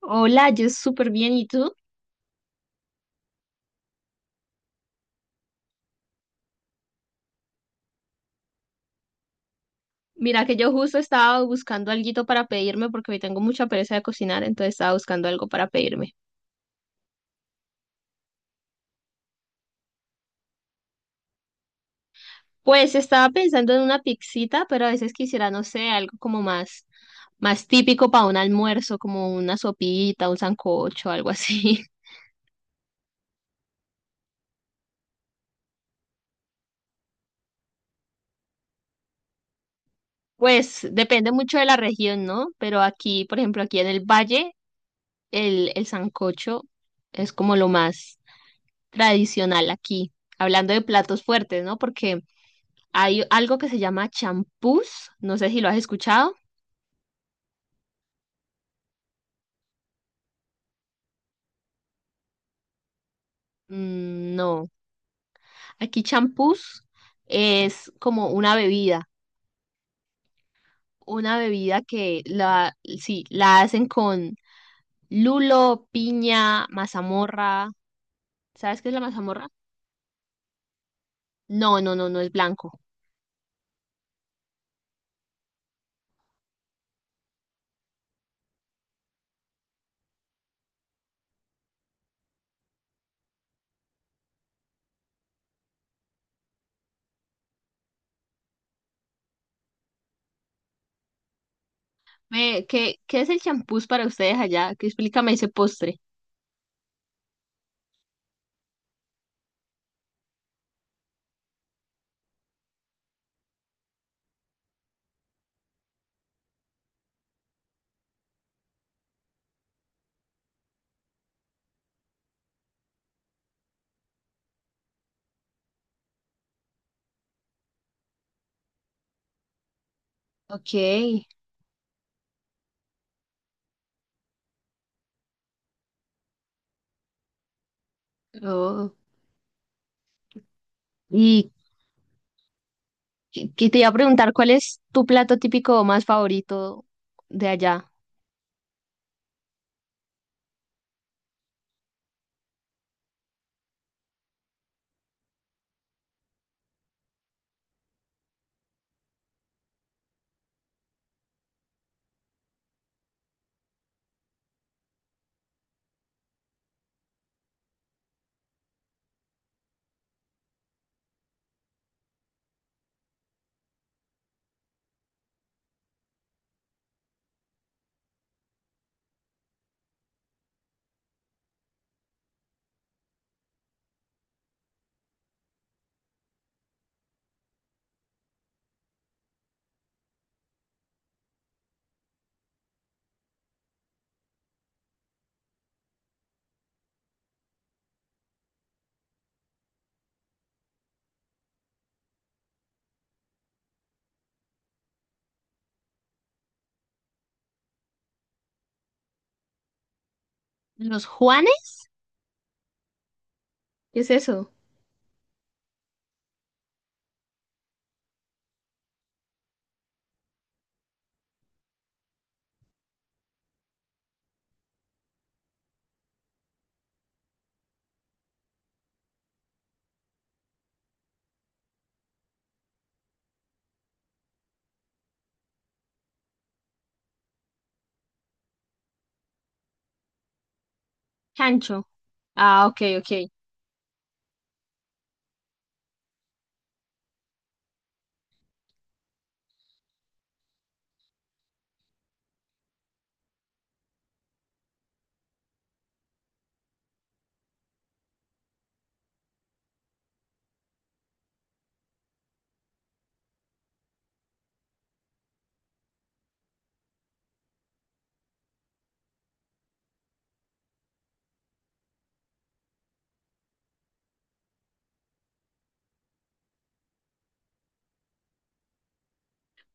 Hola, yo súper bien. ¿Y tú? Mira que yo justo estaba buscando alguito para pedirme porque hoy tengo mucha pereza de cocinar, entonces estaba buscando algo para pedirme. Pues estaba pensando en una pixita, pero a veces quisiera, no sé, algo como más, más típico para un almuerzo, como una sopita, un sancocho, algo así. Pues depende mucho de la región, ¿no? Pero aquí, por ejemplo, aquí en el valle, el sancocho es como lo más tradicional aquí. Hablando de platos fuertes, ¿no? Porque hay algo que se llama champús, no sé si lo has escuchado. Mm, no, aquí champús es como una bebida que la, sí, la hacen con lulo, piña, mazamorra. ¿Sabes qué es la mazamorra? No, no, no, no es blanco. ¿Qué, qué es el champús para ustedes allá? Que explícame ese postre. Ok. Oh. Y que te iba a preguntar, ¿cuál es tu plato típico más favorito de allá? ¿Los Juanes? ¿Qué es eso? Chancho. Ah, ok, ok.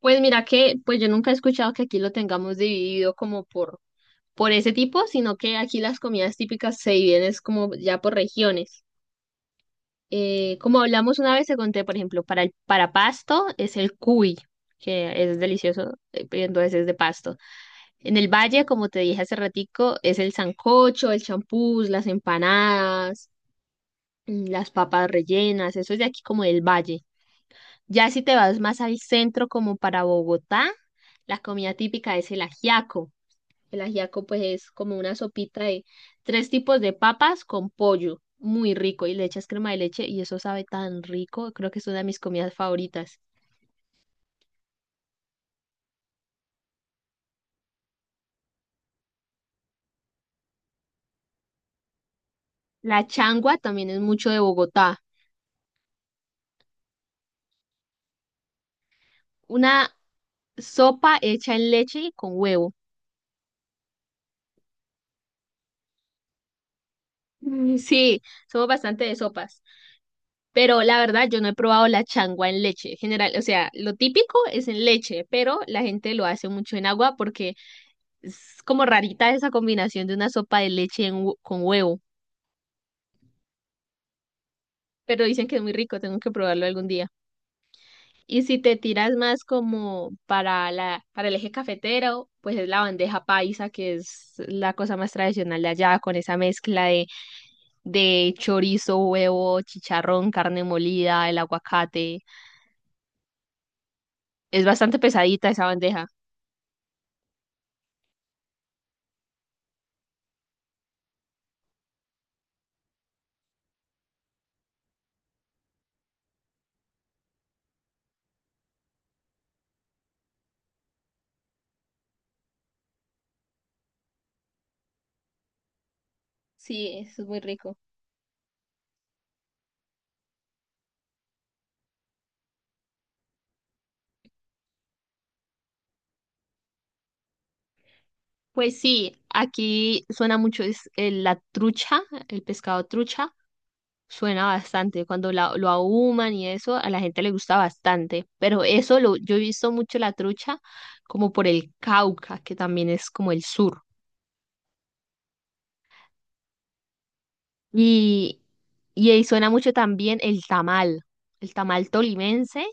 Pues mira que, pues yo nunca he escuchado que aquí lo tengamos dividido como por ese tipo, sino que aquí las comidas típicas se dividen es como ya por regiones. Como hablamos una vez, te conté, por ejemplo, para para Pasto es el cuy, que es delicioso, pero entonces es de Pasto. En el Valle, como te dije hace ratico, es el sancocho, el champús, las empanadas, mm, las papas rellenas, eso es de aquí como del Valle. Ya si te vas más al centro, como para Bogotá, la comida típica es el ajiaco. El ajiaco, pues, es como una sopita de tres tipos de papas con pollo, muy rico, y le echas crema de leche, y eso sabe tan rico. Creo que es una de mis comidas favoritas. La changua también es mucho de Bogotá. Una sopa hecha en leche y con huevo. Mm, sí, somos bastante de sopas. Pero la verdad, yo no he probado la changua en leche. General, o sea, lo típico es en leche, pero la gente lo hace mucho en agua porque es como rarita esa combinación de una sopa de leche en con huevo. Pero dicen que es muy rico, tengo que probarlo algún día. Y si te tiras más como para la, para el eje cafetero, pues es la bandeja paisa, que es la cosa más tradicional de allá, con esa mezcla de chorizo, huevo, chicharrón, carne molida, el aguacate. Es bastante pesadita esa bandeja. Sí, eso es muy rico. Pues sí, aquí suena mucho es, la trucha, el pescado trucha, suena bastante. Cuando lo ahuman y eso, a la gente le gusta bastante. Pero eso lo, yo he visto mucho la trucha como por el Cauca, que también es como el sur. Y, y ahí suena mucho también el tamal. El tamal tolimense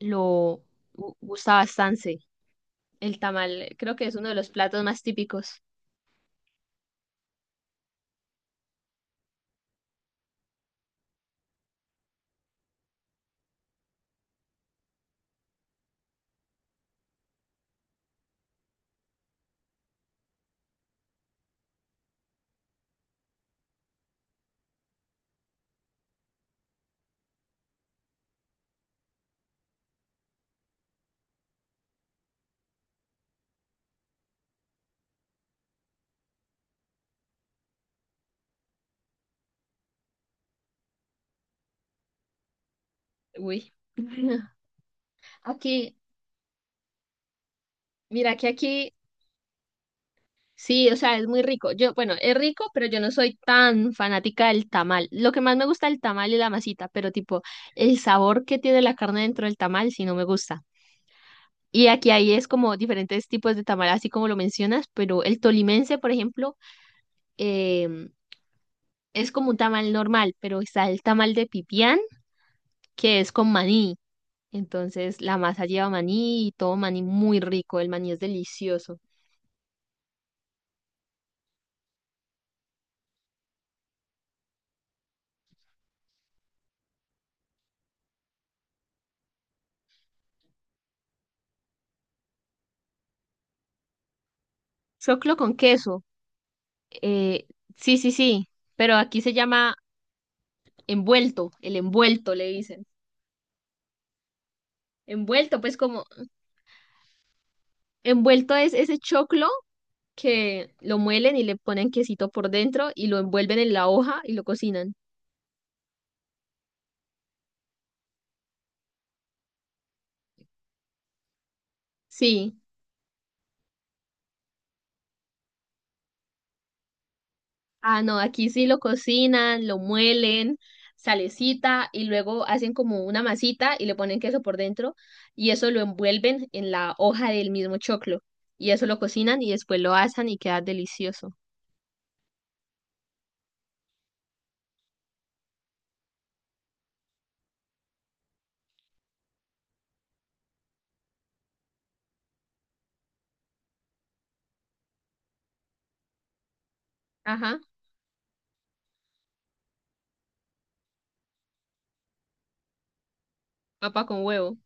lo gusta bastante. El tamal creo que es uno de los platos más típicos. Uy. Aquí Mira que aquí, sí, o sea, es muy rico. Yo, bueno, es rico, pero yo no soy tan fanática del tamal. Lo que más me gusta es el tamal y la masita, pero tipo, el sabor que tiene la carne dentro del tamal sí no me gusta. Y aquí ahí es como diferentes tipos de tamal, así como lo mencionas, pero el tolimense, por ejemplo, em, es como un tamal normal, pero está el tamal de pipián, que es con maní. Entonces, la masa lleva maní y todo maní muy rico, el maní es delicioso. Choclo con queso. Eh, sí, sí, sí, pero aquí se llama envuelto, el envuelto le dicen. Envuelto, pues como envuelto es ese choclo que lo muelen y le ponen quesito por dentro y lo envuelven en la hoja y lo cocinan. Sí. Ah, no, aquí sí lo cocinan, lo muelen, salecita y luego hacen como una masita y le ponen queso por dentro y eso lo envuelven en la hoja del mismo choclo y eso lo cocinan y después lo asan y queda delicioso. Ajá, papa con huevo.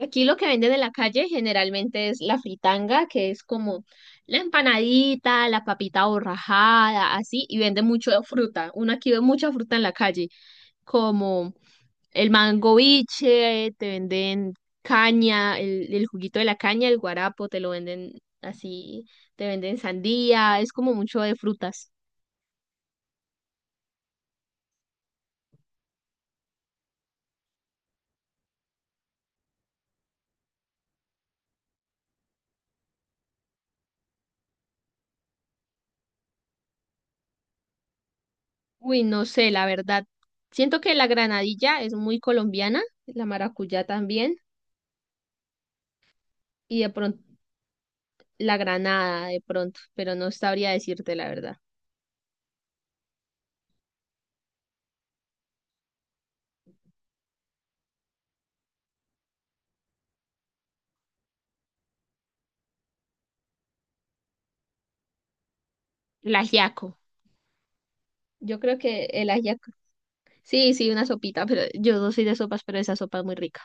Aquí lo que venden en la calle generalmente es la fritanga, que es como la empanadita, la papita borrajada, así, y venden mucho de fruta. Uno aquí ve mucha fruta en la calle, como el mango biche, te venden caña, el juguito de la caña, el guarapo, te lo venden así, te venden sandía, es como mucho de frutas. Uy, no sé, la verdad. Siento que la granadilla es muy colombiana, la maracuyá también. Y de pronto la granada de pronto, pero no sabría decirte la verdad. El ajiaco. Yo creo que el ajiaco. Sí, sí, una sopita, pero yo no soy de sopas, pero esa sopa es muy rica.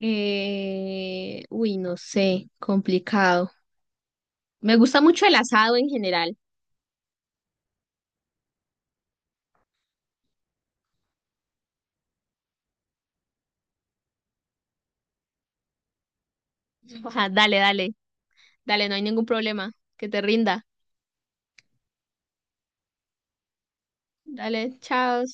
Uy, no sé, complicado. Me gusta mucho el asado en general. Ajá, dale, dale, dale, no hay ningún problema. Que te rinda. Dale, chao.